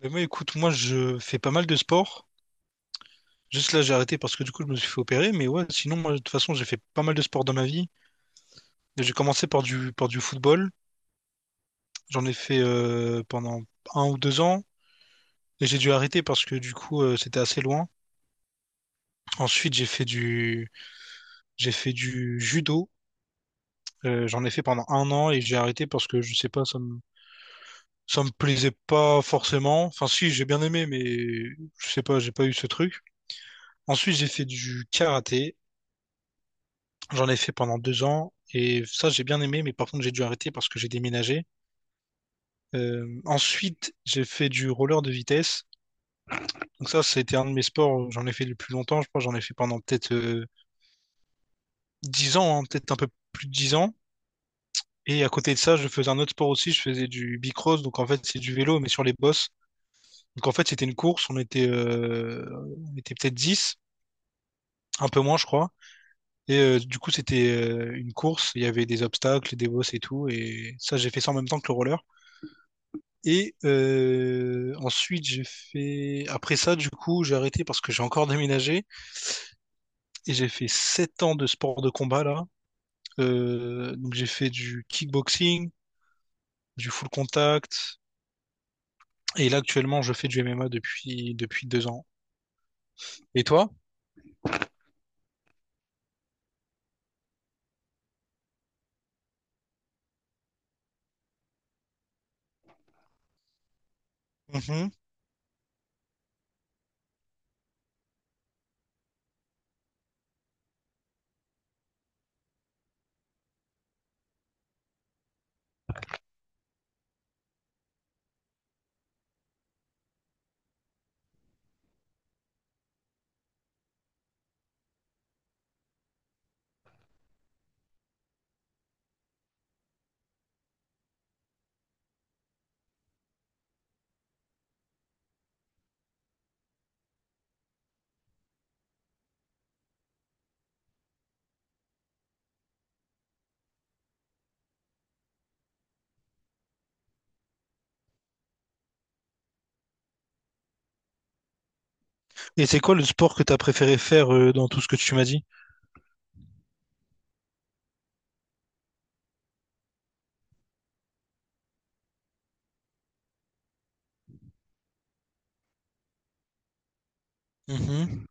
Ben moi, écoute, moi, je fais pas mal de sport. Juste là, j'ai arrêté parce que du coup, je me suis fait opérer. Mais ouais, sinon, moi, de toute façon, j'ai fait pas mal de sport dans ma vie. J'ai commencé par par du football. J'en ai fait pendant un ou deux ans. Et j'ai dû arrêter parce que du coup, c'était assez loin. Ensuite, j'ai fait du judo. J'en ai fait pendant 1 an et j'ai arrêté parce que je sais pas, ça me plaisait pas forcément. Enfin, si, j'ai bien aimé, mais je sais pas, j'ai pas eu ce truc. Ensuite, j'ai fait du karaté. J'en ai fait pendant 2 ans et ça j'ai bien aimé, mais par contre j'ai dû arrêter parce que j'ai déménagé. Ensuite j'ai fait du roller de vitesse. Donc ça c'était un de mes sports, où j'en ai fait le plus longtemps, je crois que j'en ai fait pendant peut-être 10 ans, hein, peut-être un peu plus de 10 ans. Et à côté de ça je faisais un autre sport aussi, je faisais du bicross, donc en fait c'est du vélo mais sur les bosses. Donc en fait c'était une course, on était peut-être 10, un peu moins je crois. Et du coup c'était une course, il y avait des obstacles, des bosses et tout, et ça j'ai fait ça en même temps que le roller. Et ensuite, j'ai fait... Après ça, du coup, j'ai arrêté parce que j'ai encore déménagé. Et j'ai fait 7 ans de sport de combat, là. Donc j'ai fait du kickboxing, du full contact. Et là, actuellement, je fais du MMA depuis 2 ans. Et toi? Mhm. Et c'est quoi le sport que t'as préféré faire dans tout ce que tu m'as dit? Mhm.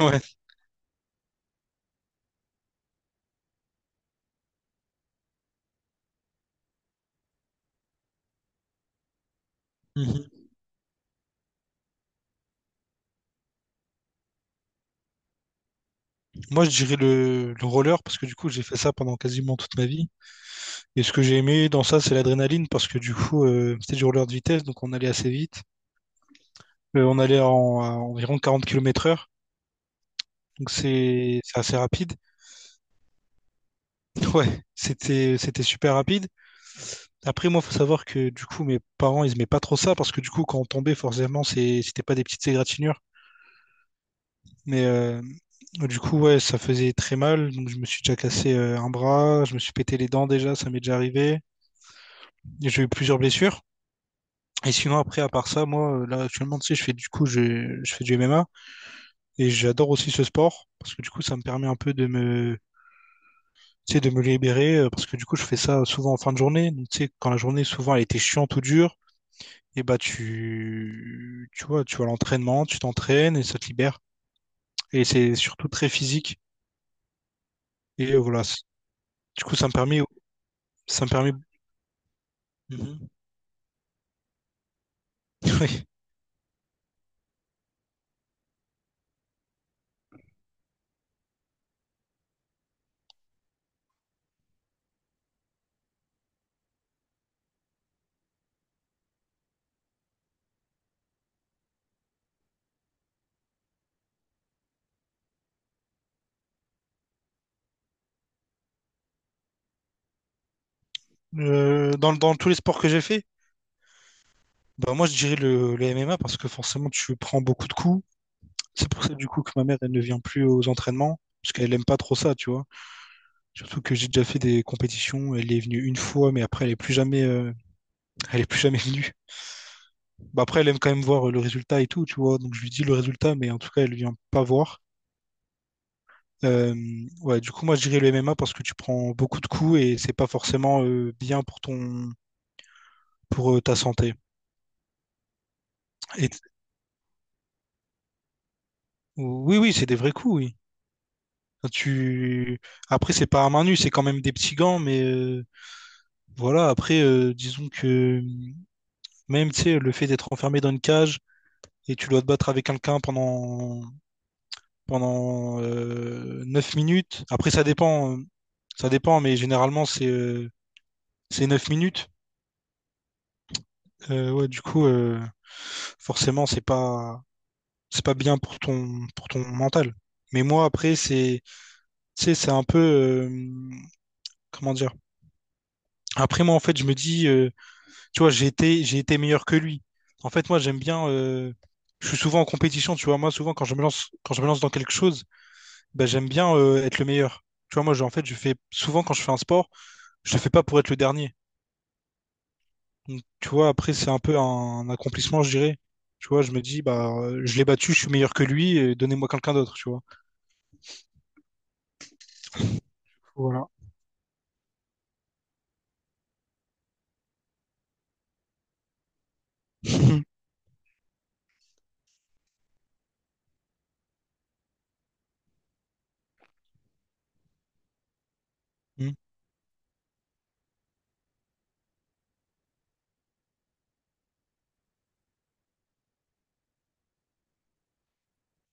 Ouais. Mhm. Moi, je dirais le roller parce que du coup, j'ai fait ça pendant quasiment toute ma vie. Et ce que j'ai aimé dans ça, c'est l'adrénaline parce que du coup, c'était du roller de vitesse, donc on allait assez vite. On allait à environ 40 km heure, donc c'est assez rapide. Ouais, c'était super rapide. Après, moi, faut savoir que du coup, mes parents, ils aimaient pas trop ça parce que du coup, quand on tombait, forcément, c'était pas des petites égratignures. Mais du coup, ouais, ça faisait très mal. Donc, je me suis déjà cassé un bras, je me suis pété les dents déjà, ça m'est déjà arrivé. Et j'ai eu plusieurs blessures. Et sinon, après, à part ça, moi, là, actuellement, tu sais, je fais du MMA et j'adore aussi ce sport parce que du coup, ça me permet un peu tu sais, de me libérer parce que du coup, je fais ça souvent en fin de journée. Donc, tu sais, quand la journée, souvent, elle était chiante ou dure. Et bah tu vois, tu vas à l'entraînement, tu t'entraînes et ça te libère. Et c'est surtout très physique. Et voilà, du coup, ça me permet. Mhm. Oui. Dans tous les sports que j'ai fait, bah moi je dirais le MMA parce que forcément tu prends beaucoup de coups. C'est pour ça du coup que ma mère elle ne vient plus aux entraînements parce qu'elle aime pas trop ça, tu vois. Surtout que j'ai déjà fait des compétitions, elle est venue une fois, mais après elle est plus jamais venue. Bah après elle aime quand même voir le résultat et tout, tu vois. Donc je lui dis le résultat, mais en tout cas elle vient pas voir. Euh, ouais, du coup, moi, je dirais le MMA parce que tu prends beaucoup de coups et c'est pas forcément bien pour ton, pour ta santé. Et, oui, oui, c'est des vrais coups, oui. Enfin, tu... Après, c'est pas à main nue, c'est quand même des petits gants, mais voilà. Après, disons que même, tu sais, le fait d'être enfermé dans une cage et tu dois te battre avec quelqu'un pendant 9 minutes. Après, ça dépend, mais généralement, c'est 9 minutes. Euh, ouais, du coup, euh, forcément, c'est pas bien pour ton mental. Mais moi, après, tu sais, comment dire? Après, moi, en fait, je me dis, tu vois, j'ai été meilleur que lui. En fait, moi, j'aime bien, je suis souvent en compétition, tu vois. Moi, souvent, quand je me lance dans quelque chose, ben, j'aime bien, être le meilleur. Tu vois, moi, en fait, quand je fais un sport, je le fais pas pour être le dernier. Donc, tu vois, après, c'est un peu un accomplissement, je dirais. Tu vois, je me dis, bah, je l'ai battu, je suis meilleur que lui, et donnez-moi quelqu'un d'autre, tu vois. Voilà. Mm.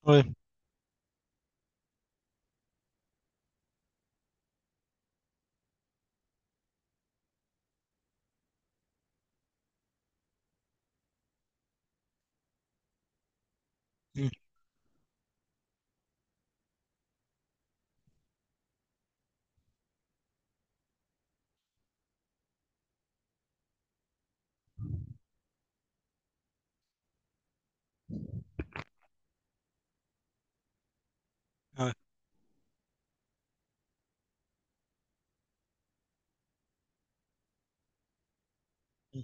Ouais. Mm. Ouais. Mm.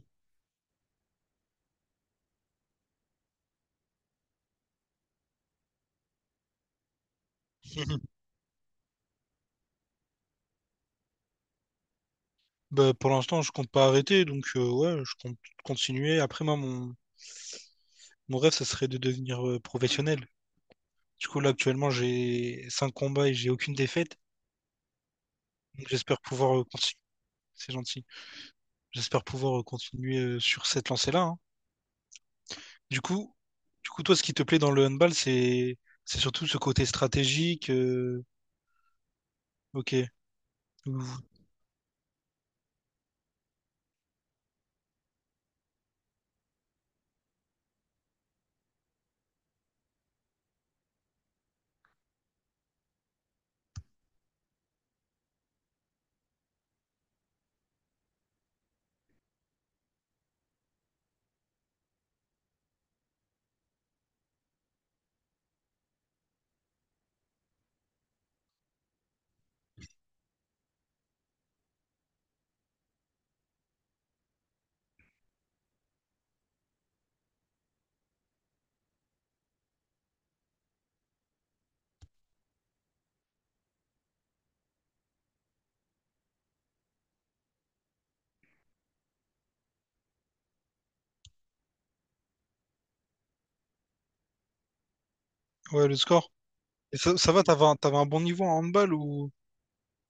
Bah, pour l'instant, je compte pas arrêter, donc ouais, je compte continuer. Après, mon rêve, ça serait de devenir professionnel. Du coup, là, actuellement, j'ai 5 combats et j'ai aucune défaite. Donc, j'espère pouvoir continuer. C'est gentil. J'espère pouvoir continuer sur cette lancée-là, hein. Du coup, du coup, toi, ce qui te plaît dans le handball, c'est surtout ce côté stratégique. Ok. Ou- Ouais, le score. Et ça va, t'avais un bon niveau en handball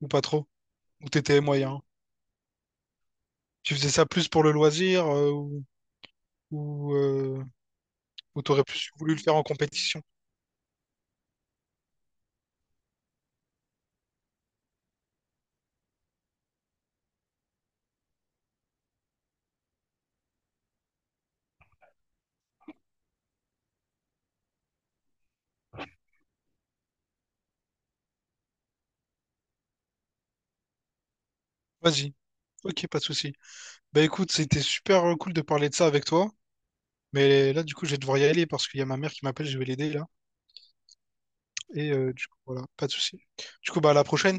ou pas trop? Ou t'étais moyen? Tu faisais ça plus pour le loisir ou, euh, ou t'aurais plus voulu le faire en compétition? Vas-y. Ok, pas de souci. Bah écoute, c'était super cool de parler de ça avec toi. Mais là, du coup, je vais devoir y aller parce qu'il y a ma mère qui m'appelle, je vais l'aider là. Et du coup, voilà, pas de souci. Du coup, bah à la prochaine.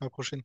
À la prochaine.